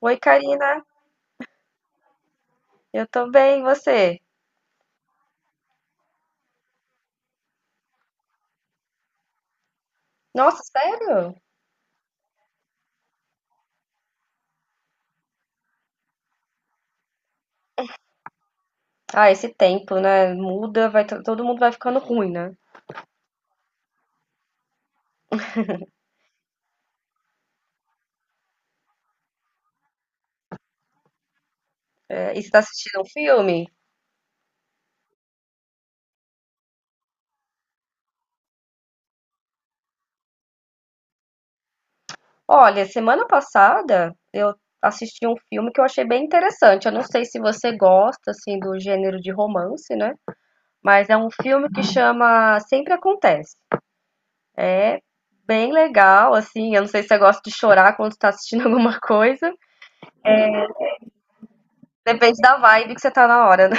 Oi, Karina. Eu tô bem, e você? Nossa, sério? Ah, esse tempo, né? Muda, vai, todo mundo vai ficando ruim, né? É, e você tá assistindo um filme? Olha, semana passada assisti um filme que eu achei bem interessante. Eu não sei se você gosta, assim, do gênero de romance, né? Mas é um filme que chama Sempre Acontece. É bem legal, assim. Eu não sei se você gosta de chorar quando tá assistindo alguma coisa. Depende da vibe que você tá na hora, né?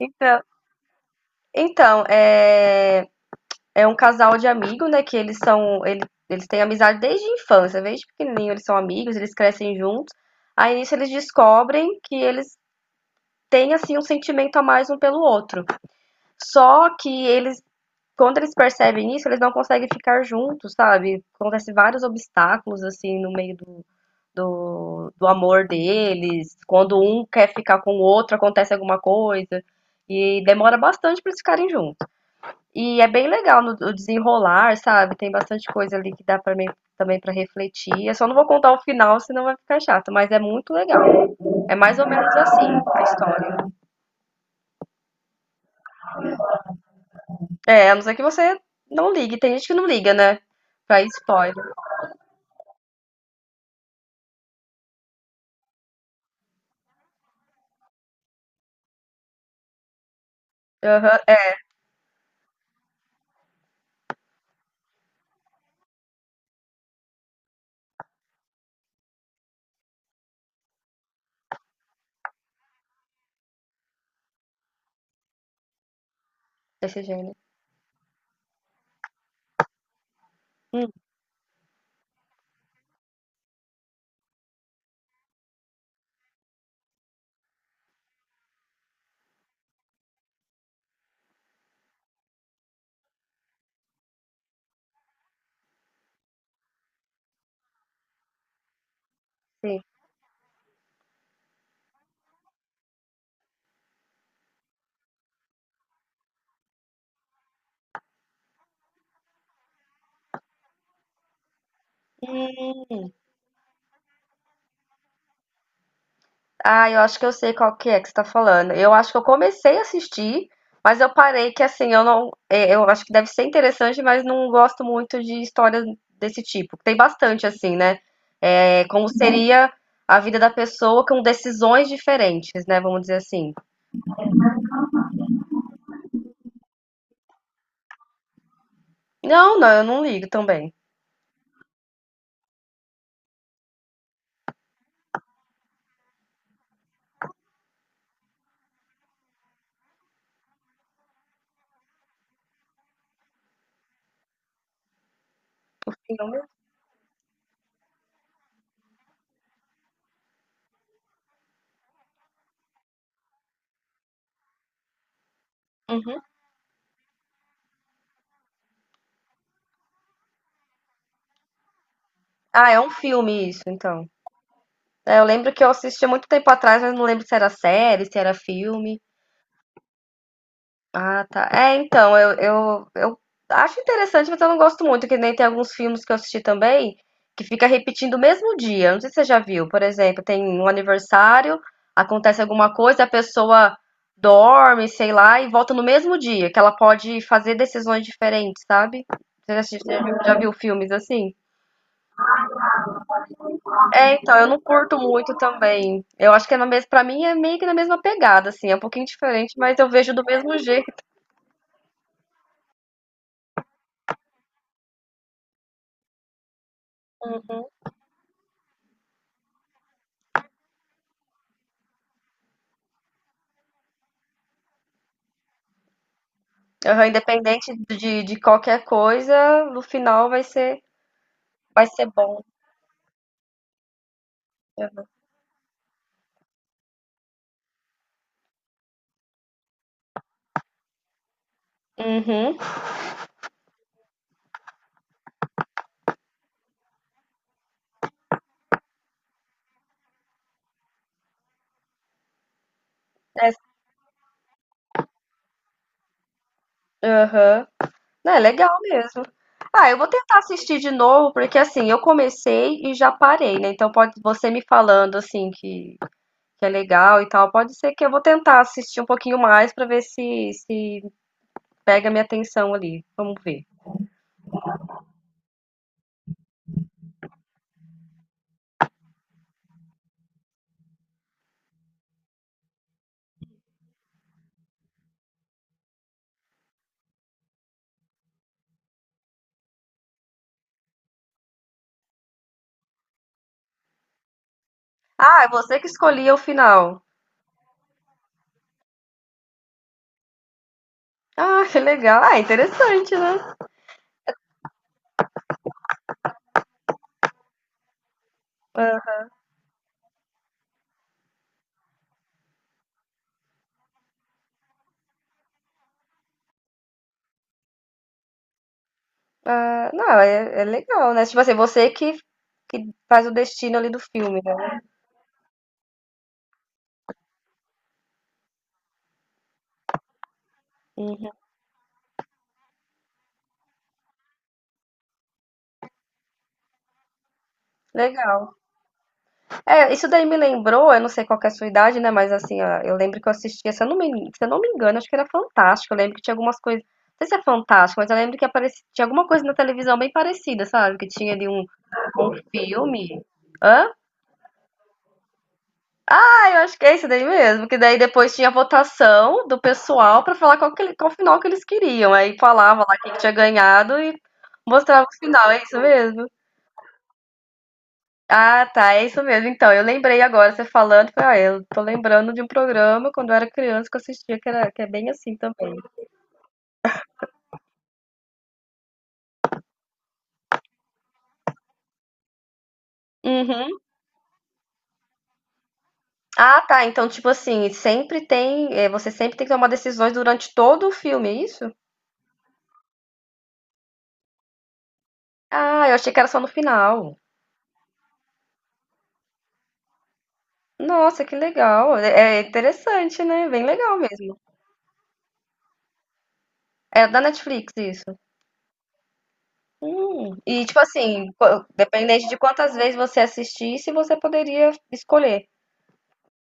Então, então, é um casal de amigos, né? Que eles são. Eles têm amizade desde a infância, desde pequenininho eles são amigos, eles crescem juntos. Aí nisso eles descobrem que eles têm, assim, um sentimento a mais um pelo outro. Só que eles, quando eles percebem isso, eles não conseguem ficar juntos, sabe? Acontecem vários obstáculos, assim, no meio do amor deles. Quando um quer ficar com o outro, acontece alguma coisa. E demora bastante para eles ficarem juntos. E é bem legal no, o desenrolar, sabe? Tem bastante coisa ali que dá para mim também para refletir. Eu só não vou contar o final, senão vai ficar chato, mas é muito legal. É mais ou menos assim a história. É, a não ser que você não ligue. Tem gente que não liga, né? Pra spoiler. Aham, é desse gênero. Hum, sim. Ah, eu acho que eu sei qual que é que você tá falando. Eu acho que eu comecei a assistir, mas eu parei que assim, eu não, é, eu acho que deve ser interessante, mas não gosto muito de histórias desse tipo. Tem bastante assim, né? É, como uhum. Seria a vida da pessoa com decisões diferentes, né? Vamos dizer assim. Não, eu não ligo também. O filme? Uhum. Ah, é um filme isso, então. É, eu lembro que eu assisti há muito tempo atrás, mas não lembro se era série, se era filme. Ah, tá. É, então, eu acho interessante, mas eu não gosto muito, que nem tem alguns filmes que eu assisti também, que fica repetindo o mesmo dia. Não sei se você já viu. Por exemplo, tem um aniversário, acontece alguma coisa, a pessoa dorme, sei lá, e volta no mesmo dia, que ela pode fazer decisões diferentes, sabe? Você já, já viu filmes assim? É, então, eu não curto muito também. Eu acho que é na mesma, pra mim é meio que na mesma pegada, assim, é um pouquinho diferente, mas eu vejo do mesmo jeito. Aham, independente de qualquer coisa, no final vai ser bom. Uhum. É, aham. Não, é legal mesmo. Ah, eu vou tentar assistir de novo, porque assim, eu comecei e já parei, né? Então pode você me falando assim que é legal e tal, pode ser que eu vou tentar assistir um pouquinho mais pra ver se se pega minha atenção ali. Vamos ver. Ah, é você que escolhia o final. Ah, que legal. Ah, interessante, né? Ah, não, é, é legal, né? Tipo assim, você que faz o destino ali do filme, né? Uhum. Legal. É, isso daí me lembrou, eu não sei qual que é a sua idade, né? Mas assim, ó, eu lembro que eu assistia, se eu não me engano, acho que era Fantástico. Eu lembro que tinha algumas coisas, não sei se é Fantástico, mas eu lembro que aparecia, tinha alguma coisa na televisão bem parecida, sabe? Que tinha ali um, um filme. Hã? Ah, eu acho que é isso daí mesmo. Que daí depois tinha votação do pessoal pra falar qual, que, qual final que eles queriam. Aí falava lá quem que tinha ganhado e mostrava o final. É isso mesmo? Ah, tá. É isso mesmo. Então, eu lembrei agora, você falando. Falei, ah, eu tô lembrando de um programa quando eu era criança que eu assistia que, era, que é bem assim também. Uhum. Ah, tá. Então, tipo assim, sempre tem. Você sempre tem que tomar decisões durante todo o filme, é isso? Ah, eu achei que era só no final. Nossa, que legal. É é interessante, né? Bem legal mesmo. É da Netflix, isso. E, tipo assim, dependente de quantas vezes você assistisse, você poderia escolher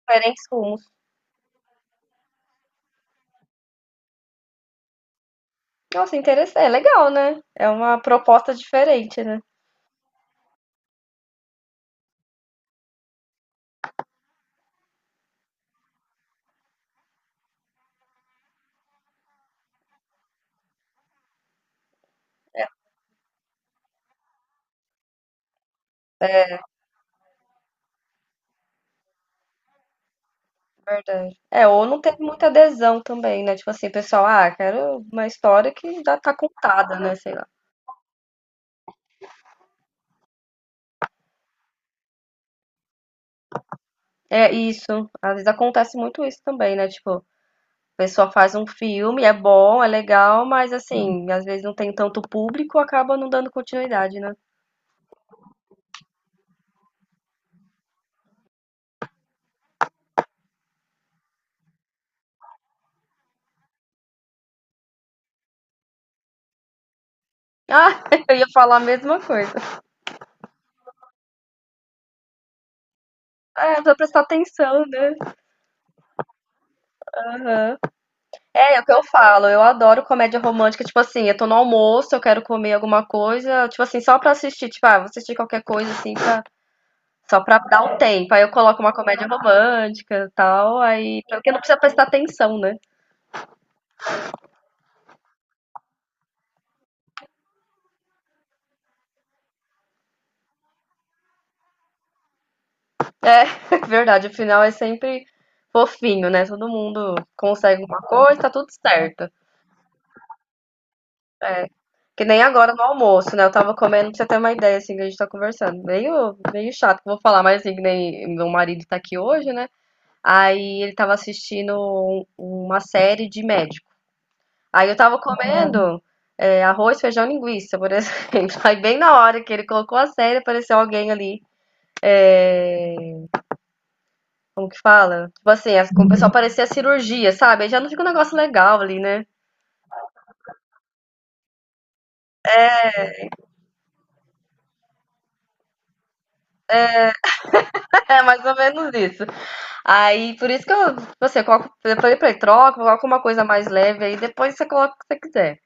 diferentes rumos. Nossa, interessante. É legal, né? É uma proposta diferente, né? Verdade. É, ou não teve muita adesão também, né? Tipo assim, pessoal, ah, quero uma história que já tá contada, né? Sei lá. É isso. Às vezes acontece muito isso também, né? Tipo, a pessoa faz um filme, é bom, é legal, mas assim, às vezes não tem tanto público, acaba não dando continuidade, né? Ah, eu ia falar a mesma coisa. É, pra prestar atenção, né? Aham. É, é o que eu falo, eu adoro comédia romântica, tipo assim, eu tô no almoço, eu quero comer alguma coisa, tipo assim, só pra assistir, tipo, ah, vou assistir qualquer coisa assim, pra, só pra dar um tempo. Aí eu coloco uma comédia romântica e tal, aí porque não precisa prestar atenção, né? É, verdade, o final é sempre fofinho, né? Todo mundo consegue alguma coisa, tá tudo certo. Que nem agora no almoço, né? Eu tava comendo pra você ter uma ideia, assim, que a gente tá conversando. Meio chato que eu vou falar, mas assim, que nem meu marido tá aqui hoje, né? Aí ele tava assistindo uma série de médico. Aí eu tava comendo arroz, feijão, linguiça, por exemplo. Aí bem na hora que ele colocou a série, apareceu alguém ali. O que fala? Tipo assim, o pessoal parecia cirurgia, sabe? Aí já não fica um negócio legal ali, né? É mais ou menos isso. Aí, por isso que eu, você coloca, depois pra ele troca, coloca uma coisa mais leve aí, depois você coloca o que você quiser.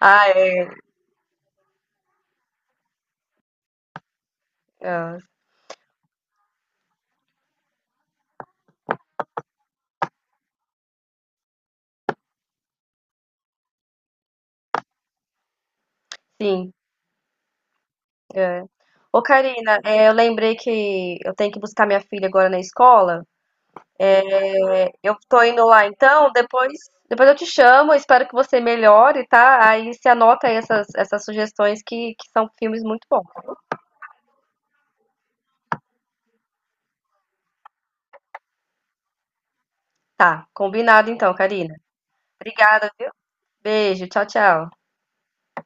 Ah, é, sim, é. Ô, Karina, é, eu lembrei que eu tenho que buscar minha filha agora na escola. Eu tô indo lá então, depois, depois eu te chamo, espero que você melhore, tá? Aí você anota aí essas sugestões que são filmes muito bons. Tá, combinado então, Karina. Obrigada, viu? Beijo, tchau, tchau.